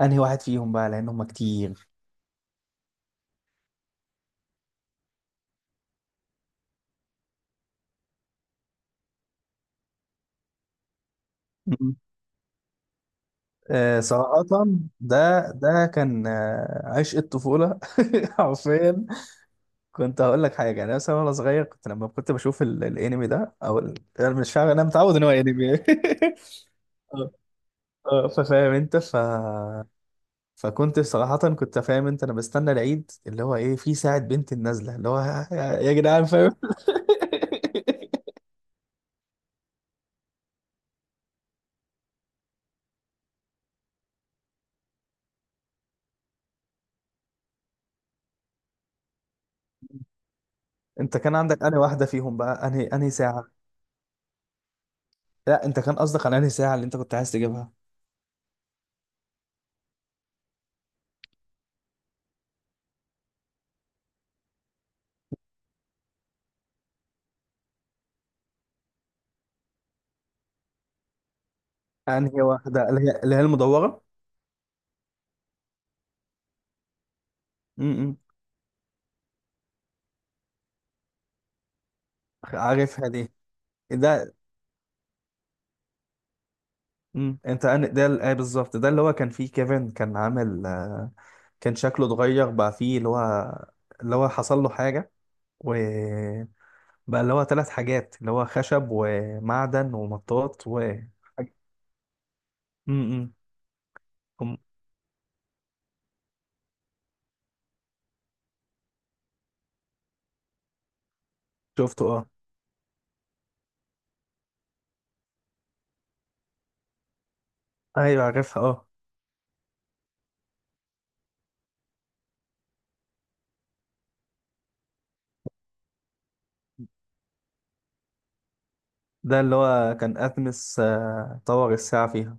انهي واحد فيهم بقى لان هم كتير؟ مم. آه، صراحة ده كان عشق الطفولة. حرفيا. كنت هقول لك حاجة يعني مثلا وانا صغير كنت لما كنت بشوف الانمي ده او انا مش فاهم، انا متعود ان هو انمي. اه. ففاهم انت فكنت صراحة كنت فاهم انت، انا بستنى العيد اللي هو ايه، في ساعة بنت النازلة اللي هو يا جدعان، فاهم. انت كان عندك انهي واحدة فيهم بقى، انهي ساعة؟ لا، انت كان قصدك على انهي ساعه اللي انت كنت عايز تجيبها. انهي واحده اللي هي المدوره. امم، عارفها دي. ده. انت ده ايه بالظبط ده اللي هو كان فيه كيفن كان عامل كان شكله اتغير بقى فيه اللي هو، اللي هو حصل له حاجه، وبقى اللي هو ثلاث حاجات، اللي هو خشب ومعدن ومطاط و امم شفته، اه. ايوه عارفها، اه. ده اللي هو كان اتمس طور الساعه فيها.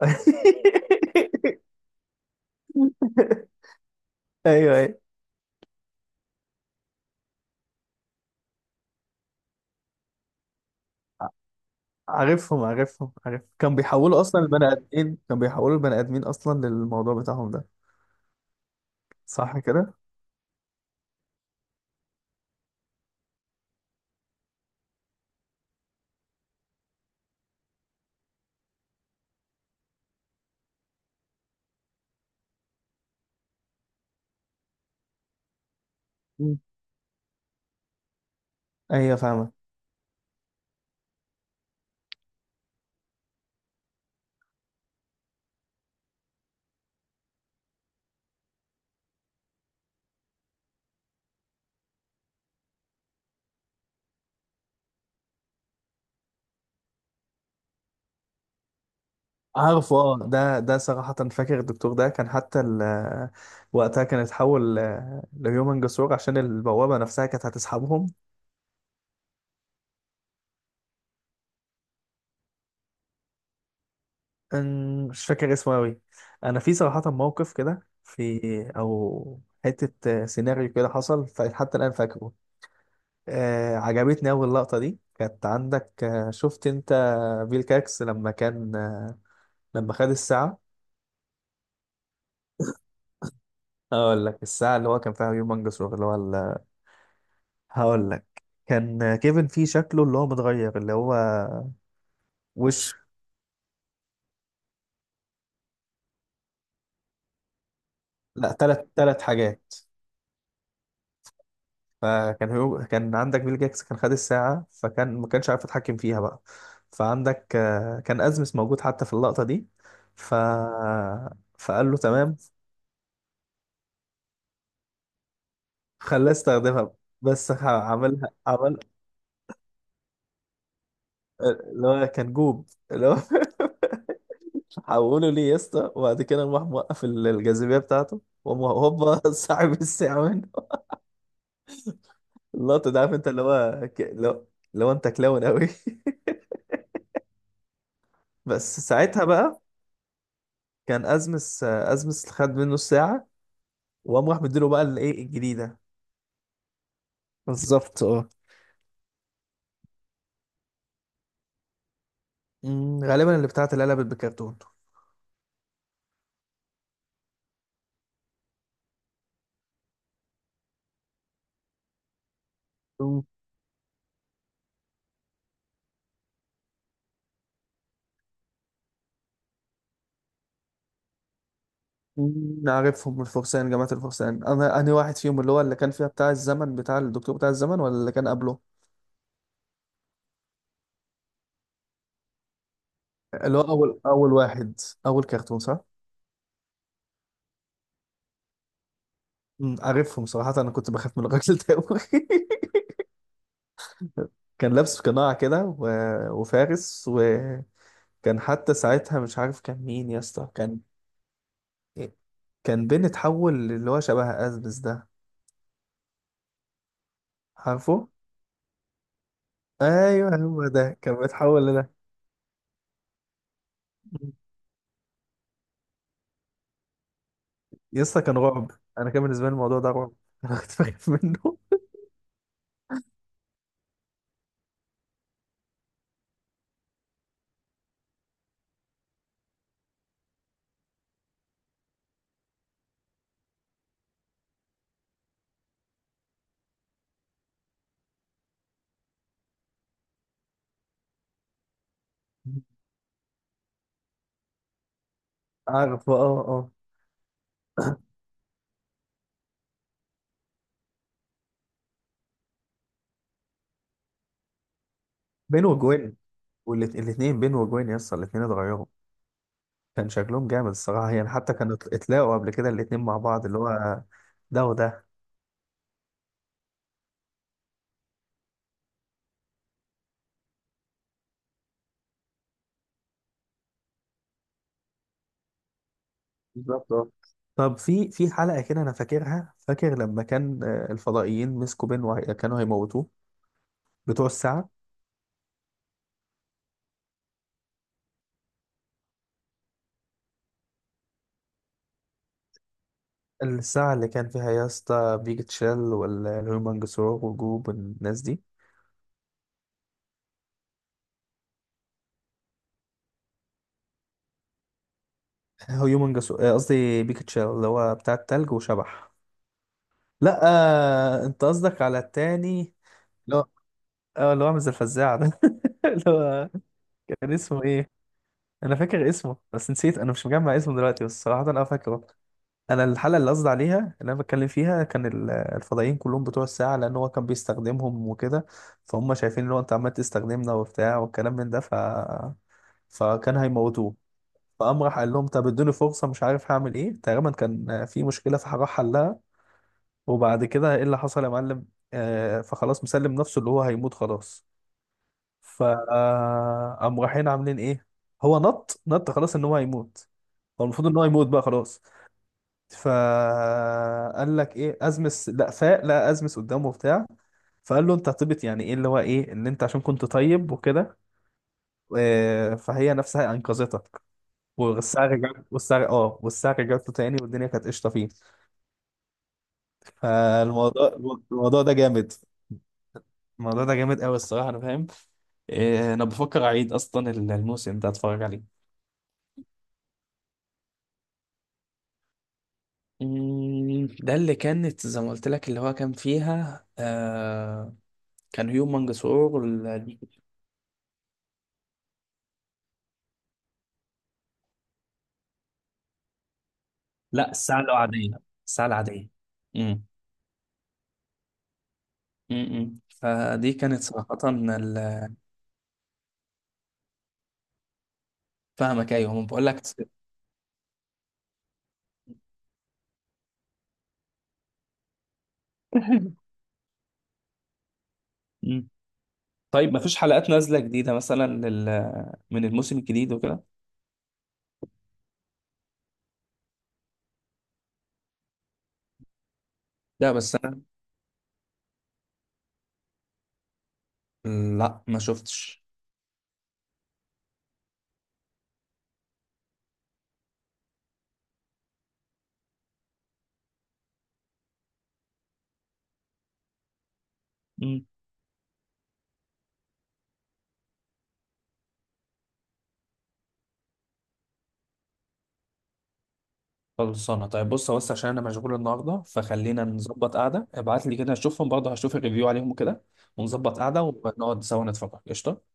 ايوه، ايوه. عارف، كان بيحولوا اصلا البني ادمين، كان بيحولوا البني ادمين اصلا للموضوع بتاعهم ده. صح كده. مم. ايوه، فاهمه. عارفه، اه. ده صراحه فاكر الدكتور ده، كان حتى وقتها كان اتحول ل- لهيومن جسور عشان البوابه نفسها كانت هتسحبهم. مش فاكر اسمه قوي. انا في صراحه موقف كده، في او حته سيناريو كده حصل حتى الان فاكره. عجبتني أول لقطة، دي كانت عندك. شفت أنت بيل كاكس لما كان لما خد الساعة. أقول لك، الساعة اللي هو كان فيها هيومنجس اللي هو هقول لك، كان كيفن فيه شكله اللي هو متغير، اللي هو وش. لا، تلت حاجات. فكان كان عندك بيل جاكس كان خد الساعة فكان ما كانش عارف يتحكم فيها بقى. فعندك كان أزمس موجود حتى في اللقطة دي. ف... فقال له تمام. خلاه يستخدمها. بس عملها، عمل اللي هو كان جوب اللي هو. حوله ليه يا اسطى، وبعد كده راح موقف الجاذبيه بتاعته، وقام هوبا سحب الساعه منه. اللقطه ده، عارف انت اللي هو اللي هو، اللي هو انت كلاون قوي. بس ساعتها بقى كان ازمس خد منه الساعه، وقام راح مديله بقى الايه الجديده. بالظبط، اه. غالبا اللي بتاعت العلب بالكرتون. أمم، عارفهم الفرسان، جماعة الفرسان. أنا أنهي واحد فيهم، اللي هو اللي كان فيها بتاع الزمن، بتاع الدكتور بتاع الزمن، ولا اللي كان قبله؟ اللي هو اول واحد، اول كرتون، صح؟ عارفهم. صراحة انا كنت بخاف من الراجل ده أوي. كان لابس قناع كده وفارس، وكان حتى ساعتها مش عارف كان مين يا اسطى. كان كان بين اتحول اللي هو شبه ازبس ده، عارفه؟ ايوه، هو ده كان بيتحول لده. يا اسطى، كان رعب. انا كان بالنسبة لي الموضوع ده رعب. انا كنت بخاف منه. عارفه، اه، اه. بين وجوين، والاتنين بين وجوين يا اسطى الاتنين اتغيروا. كان شكلهم جامد الصراحة يعني، حتى كانوا اتلاقوا قبل كده الاتنين مع بعض، اللي هو ده وده. بالظبط، اه. طب في حلقة كده أنا فاكرها، فاكر لما كان الفضائيين مسكوا بين كانوا هيموتوه. بتوع الساعة. الساعة اللي كان فيها يا اسطى بيك تشيل والهيومن جسور وجوب والناس دي. هيومن جسور، قصدي بيك تشيل، اللي هو بتاع التلج وشبح. لا. انت قصدك على التاني، اللي هو، اه، اللي هو عامل زي الفزاعة ده. اللي هو، كان اسمه ايه؟ انا فاكر اسمه بس نسيت، انا مش مجمع اسمه دلوقتي بس صراحه انا فاكره. انا الحلقه اللي قصدي عليها اللي انا بتكلم فيها، كان الفضائيين كلهم بتوع الساعه لان هو كان بيستخدمهم وكده. فهم شايفين ان هو انت عمال تستخدمنا وبتاع والكلام من ده فكان هيموتوه. فقام راح قال لهم طب ادوني فرصه، مش عارف هعمل ايه، تقريبا كان في مشكله فراح حلها. وبعد كده ايه اللي حصل يا معلم. فخلاص مسلم نفسه اللي هو هيموت خلاص. ف قام رايحين عاملين ايه. هو نط نط، خلاص ان هو هيموت. هو المفروض ان هو يموت بقى خلاص. فقال لك ايه، ازمس، لا فاق، لا ازمس قدامه بتاع. فقال له انت هتبت، يعني ايه اللي هو ايه، ان انت عشان كنت طيب وكده. فهي نفسها انقذتك. والساعه رجعت، والساعه رجعت له تاني، والدنيا كانت قشطه فيك. فالموضوع، الموضوع ده جامد. الموضوع ده جامد قوي الصراحه، انا فاهم. انا بفكر اعيد اصلا الموسم ده اتفرج عليه. ده اللي كانت زي ما قلت لك، اللي هو كان فيها كان هيوم منجسور لا، الساعة العادية. الساعة العادية. مم. مم، مم. فدي كانت صراحة فاهمك، ايوه، ما بقول لك. مم. طيب، ما فيش حلقات نازلة جديدة مثلا من الموسم الجديد وكده؟ لا بس انا، لا ما شفتش. خلصانه طيب، بص بس عشان انا مشغول النهارده فخلينا نظبط قعده، ابعت لي كده اشوفهم برضه، هشوف الريفيو عليهم كده، ونظبط قعده ونقعد سوا نتفرج، قشطه.